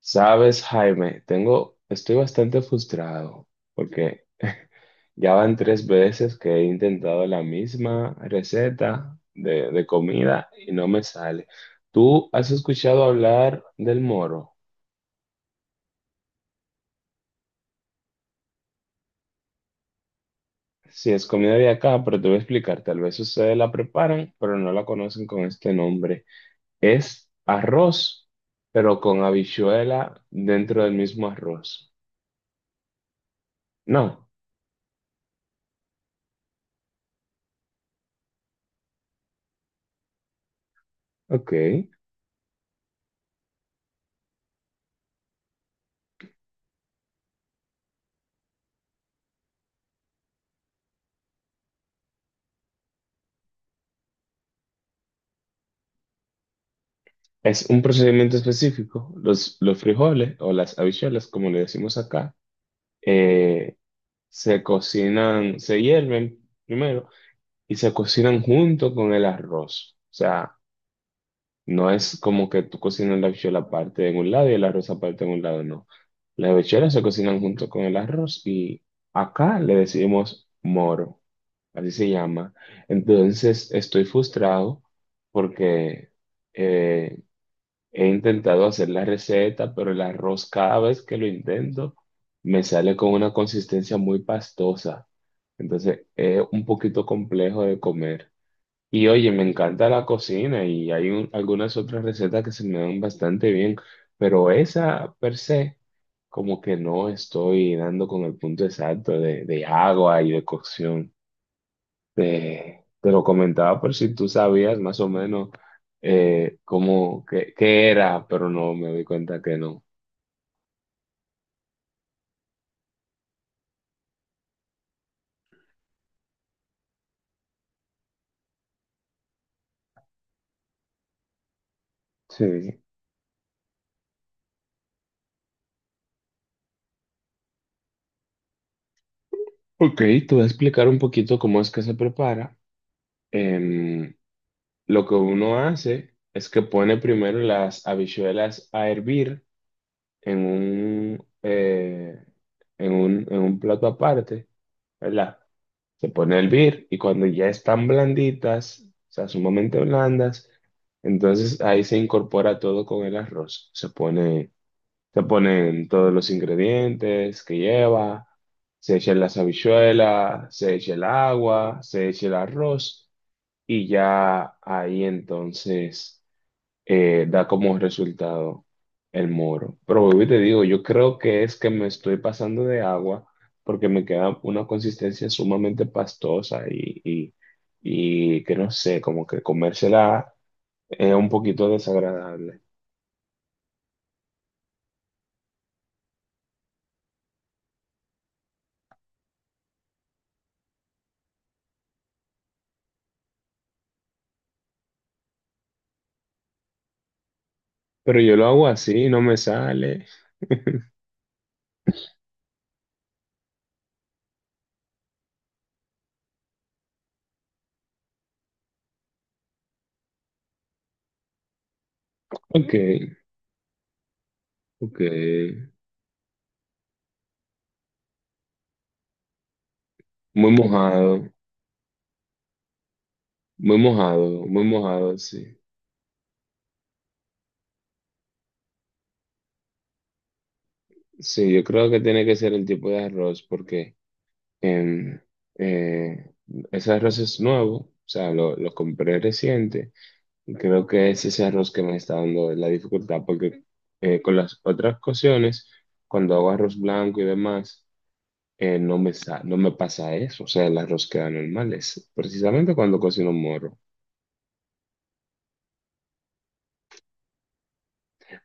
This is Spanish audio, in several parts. Sabes, Jaime, estoy bastante frustrado porque ya van tres veces que he intentado la misma receta de comida y no me sale. ¿Tú has escuchado hablar del moro? Sí, es comida de acá, pero te voy a explicar. Tal vez ustedes la preparan, pero no la conocen con este nombre. Es arroz, pero con habichuela dentro del mismo arroz. No, ok. Es un procedimiento específico. Los frijoles o las habichuelas, como le decimos acá, eh, se cocinan, se hierven primero y se cocinan junto con el arroz. O sea, no es como que tú cocinas la habichuela aparte en un lado y el arroz aparte en un lado, no. Las habichuelas se cocinan junto con el arroz y acá le decimos moro, así se llama. Entonces, estoy frustrado porque... eh, he intentado hacer la receta, pero el arroz cada vez que lo intento me sale con una consistencia muy pastosa. Entonces es un poquito complejo de comer. Y oye, me encanta la cocina y hay algunas otras recetas que se me dan bastante bien, pero esa per se, como que no estoy dando con el punto exacto de agua y de cocción. Te lo comentaba por si tú sabías más o menos qué era, pero no me di cuenta que no. Sí. Ok, te voy a explicar un poquito cómo es que se prepara. Em, lo que uno hace es que pone primero las habichuelas a hervir en en un plato aparte, ¿verdad? Se pone a hervir y cuando ya están blanditas, o sea, sumamente blandas, entonces ahí se incorpora todo con el arroz. Se ponen todos los ingredientes que lleva, se echa las habichuelas, se echa el agua, se echa el arroz y ya ahí entonces da como resultado el moro. Pero vuelvo y te digo, yo creo que es que me estoy pasando de agua porque me queda una consistencia sumamente pastosa y que no sé, como que comérsela es un poquito desagradable. Pero yo lo hago así, no me sale. Ok, ok. Muy mojado, muy mojado, muy mojado, sí. Sí, yo creo que tiene que ser el tipo de arroz porque... em, eh, ese arroz es nuevo, o sea, lo compré reciente y creo que es ese arroz que me está dando la dificultad porque con las otras cocciones, cuando hago arroz blanco y demás, no me pasa eso, o sea, el arroz queda normal, es precisamente cuando cocino morro.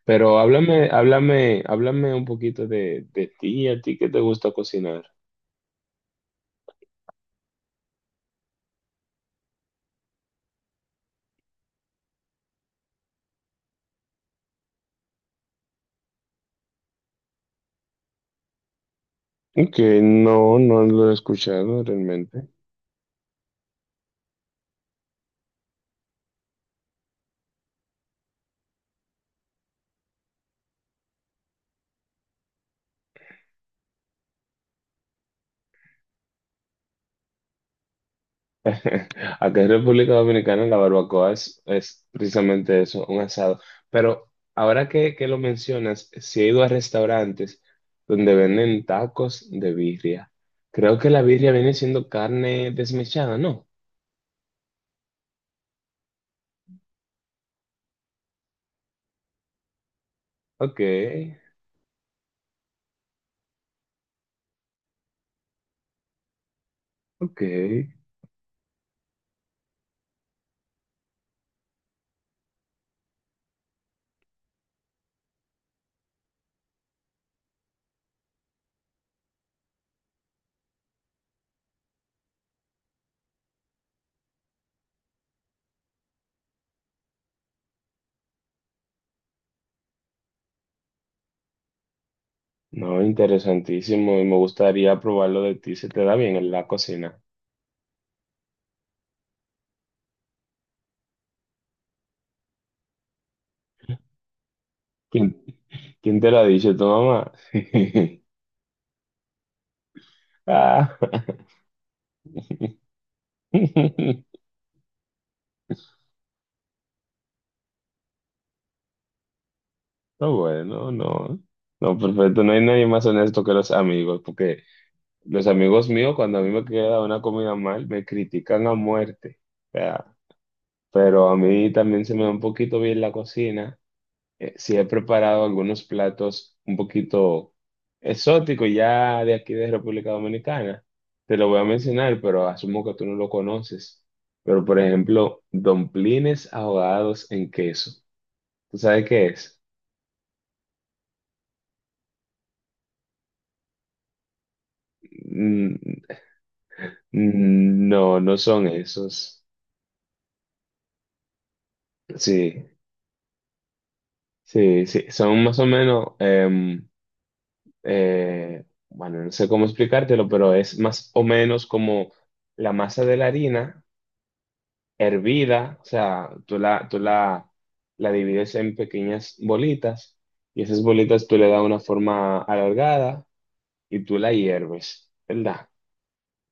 Pero háblame un poquito de ti, a ti qué te gusta cocinar. Que no, no lo he escuchado realmente. Acá en República Dominicana la barbacoa es precisamente eso, un asado. Pero ahora que lo mencionas, sí he ido a restaurantes donde venden tacos de birria. Creo que la birria viene siendo carne desmechada, ¿no? Ok, ok. No, interesantísimo y me gustaría probarlo de ti. Se te da bien en la cocina. ¿Quién, ¿Quién te lo ha dicho? ¿Tu mamá? Ah. No, bueno, no. No, perfecto. No hay nadie más honesto que los amigos, porque los amigos míos, cuando a mí me queda una comida mal, me critican a muerte. O sea, pero a mí también se me da un poquito bien la cocina. Sí he preparado algunos platos un poquito exóticos ya de aquí de República Dominicana. Te lo voy a mencionar, pero asumo que tú no lo conoces. Pero, por ejemplo, domplines ahogados en queso. ¿Tú sabes qué es? Mm, No, no son esos. Sí, sí, sí. Son más o menos, bueno, no sé cómo explicártelo, pero es más o menos como la masa de la harina hervida, o sea, la divides en pequeñas bolitas y esas bolitas tú le das una forma alargada y tú la hierves, ¿verdad?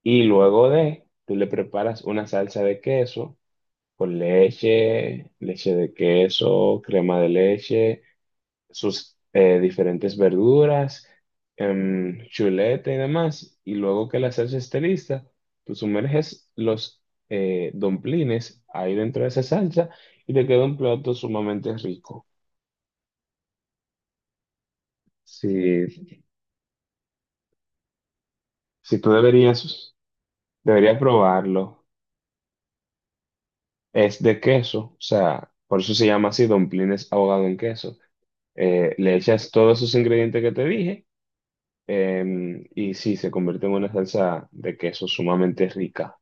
Y luego tú le preparas una salsa de queso con leche, leche de queso, crema de leche, sus diferentes verduras, chuleta y demás. Y luego que la salsa esté lista, tú sumerges los domplines ahí dentro de esa salsa y te queda un plato sumamente rico. Si, si tú deberías probarlo, es de queso, o sea, por eso se llama así, domplines ahogado en queso. Le echas todos esos ingredientes que te dije. Y sí, se convierte en una salsa de queso sumamente rica.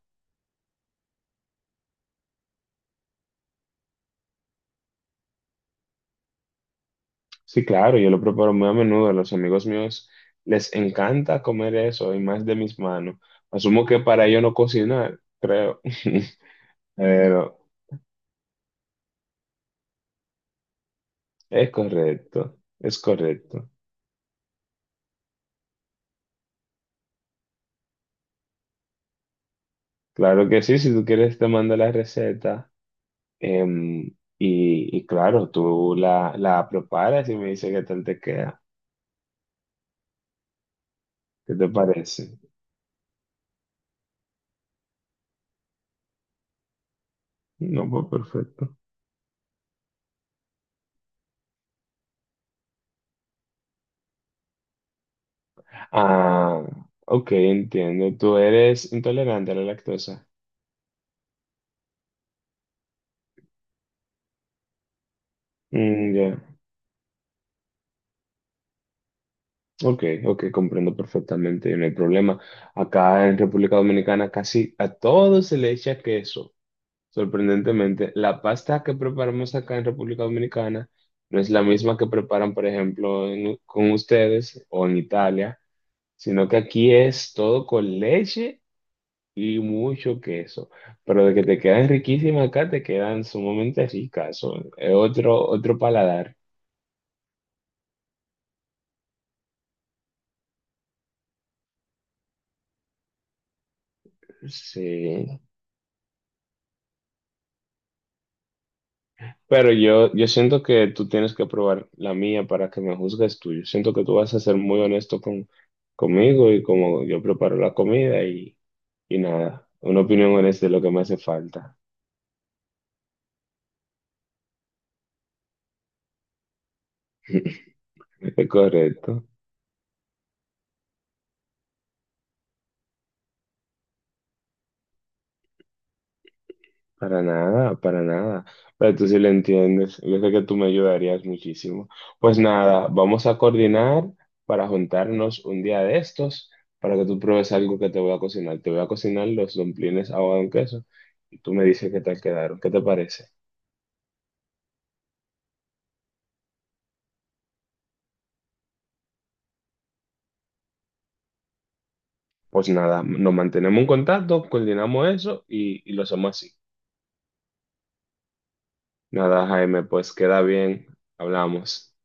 Sí, claro, yo lo preparo muy a menudo. A los amigos míos les encanta comer eso y más de mis manos. Asumo que para ello no cocinar, creo. Pero es correcto, es correcto. Claro que sí, si tú quieres te mando la receta. em, y claro, la preparas y me dices qué tal te queda. ¿Qué te parece? No, pues perfecto. Ah, ok, entiendo. Tú eres intolerante a la lactosa. Mm, ya. Ok, ok, comprendo perfectamente, no hay problema. Acá en República Dominicana casi a todo se le echa queso. Sorprendentemente, la pasta que preparamos acá en República Dominicana no es la misma que preparan, por ejemplo, con ustedes o en Italia, sino que aquí es todo con leche y mucho queso, pero de que te quedan riquísimas acá, te quedan sumamente ricas, es otro, otro paladar. Sí, pero yo siento que tú tienes que probar la mía para que me juzgues tú. Yo siento que tú vas a ser muy honesto conmigo y como yo preparo la comida y nada, una opinión honesta es lo que me hace falta. Es correcto. Para nada, para nada. Pero tú sí lo entiendes. Yo sé que tú me ayudarías muchísimo. Pues nada, vamos a coordinar para juntarnos un día de estos para que tú pruebes algo que te voy a cocinar. Te voy a cocinar los dumplings ahogado en queso y tú me dices qué tal quedaron. ¿Qué te parece? Pues nada, nos mantenemos en contacto, coordinamos eso y lo hacemos así. Nada, Jaime, pues queda bien. Hablamos.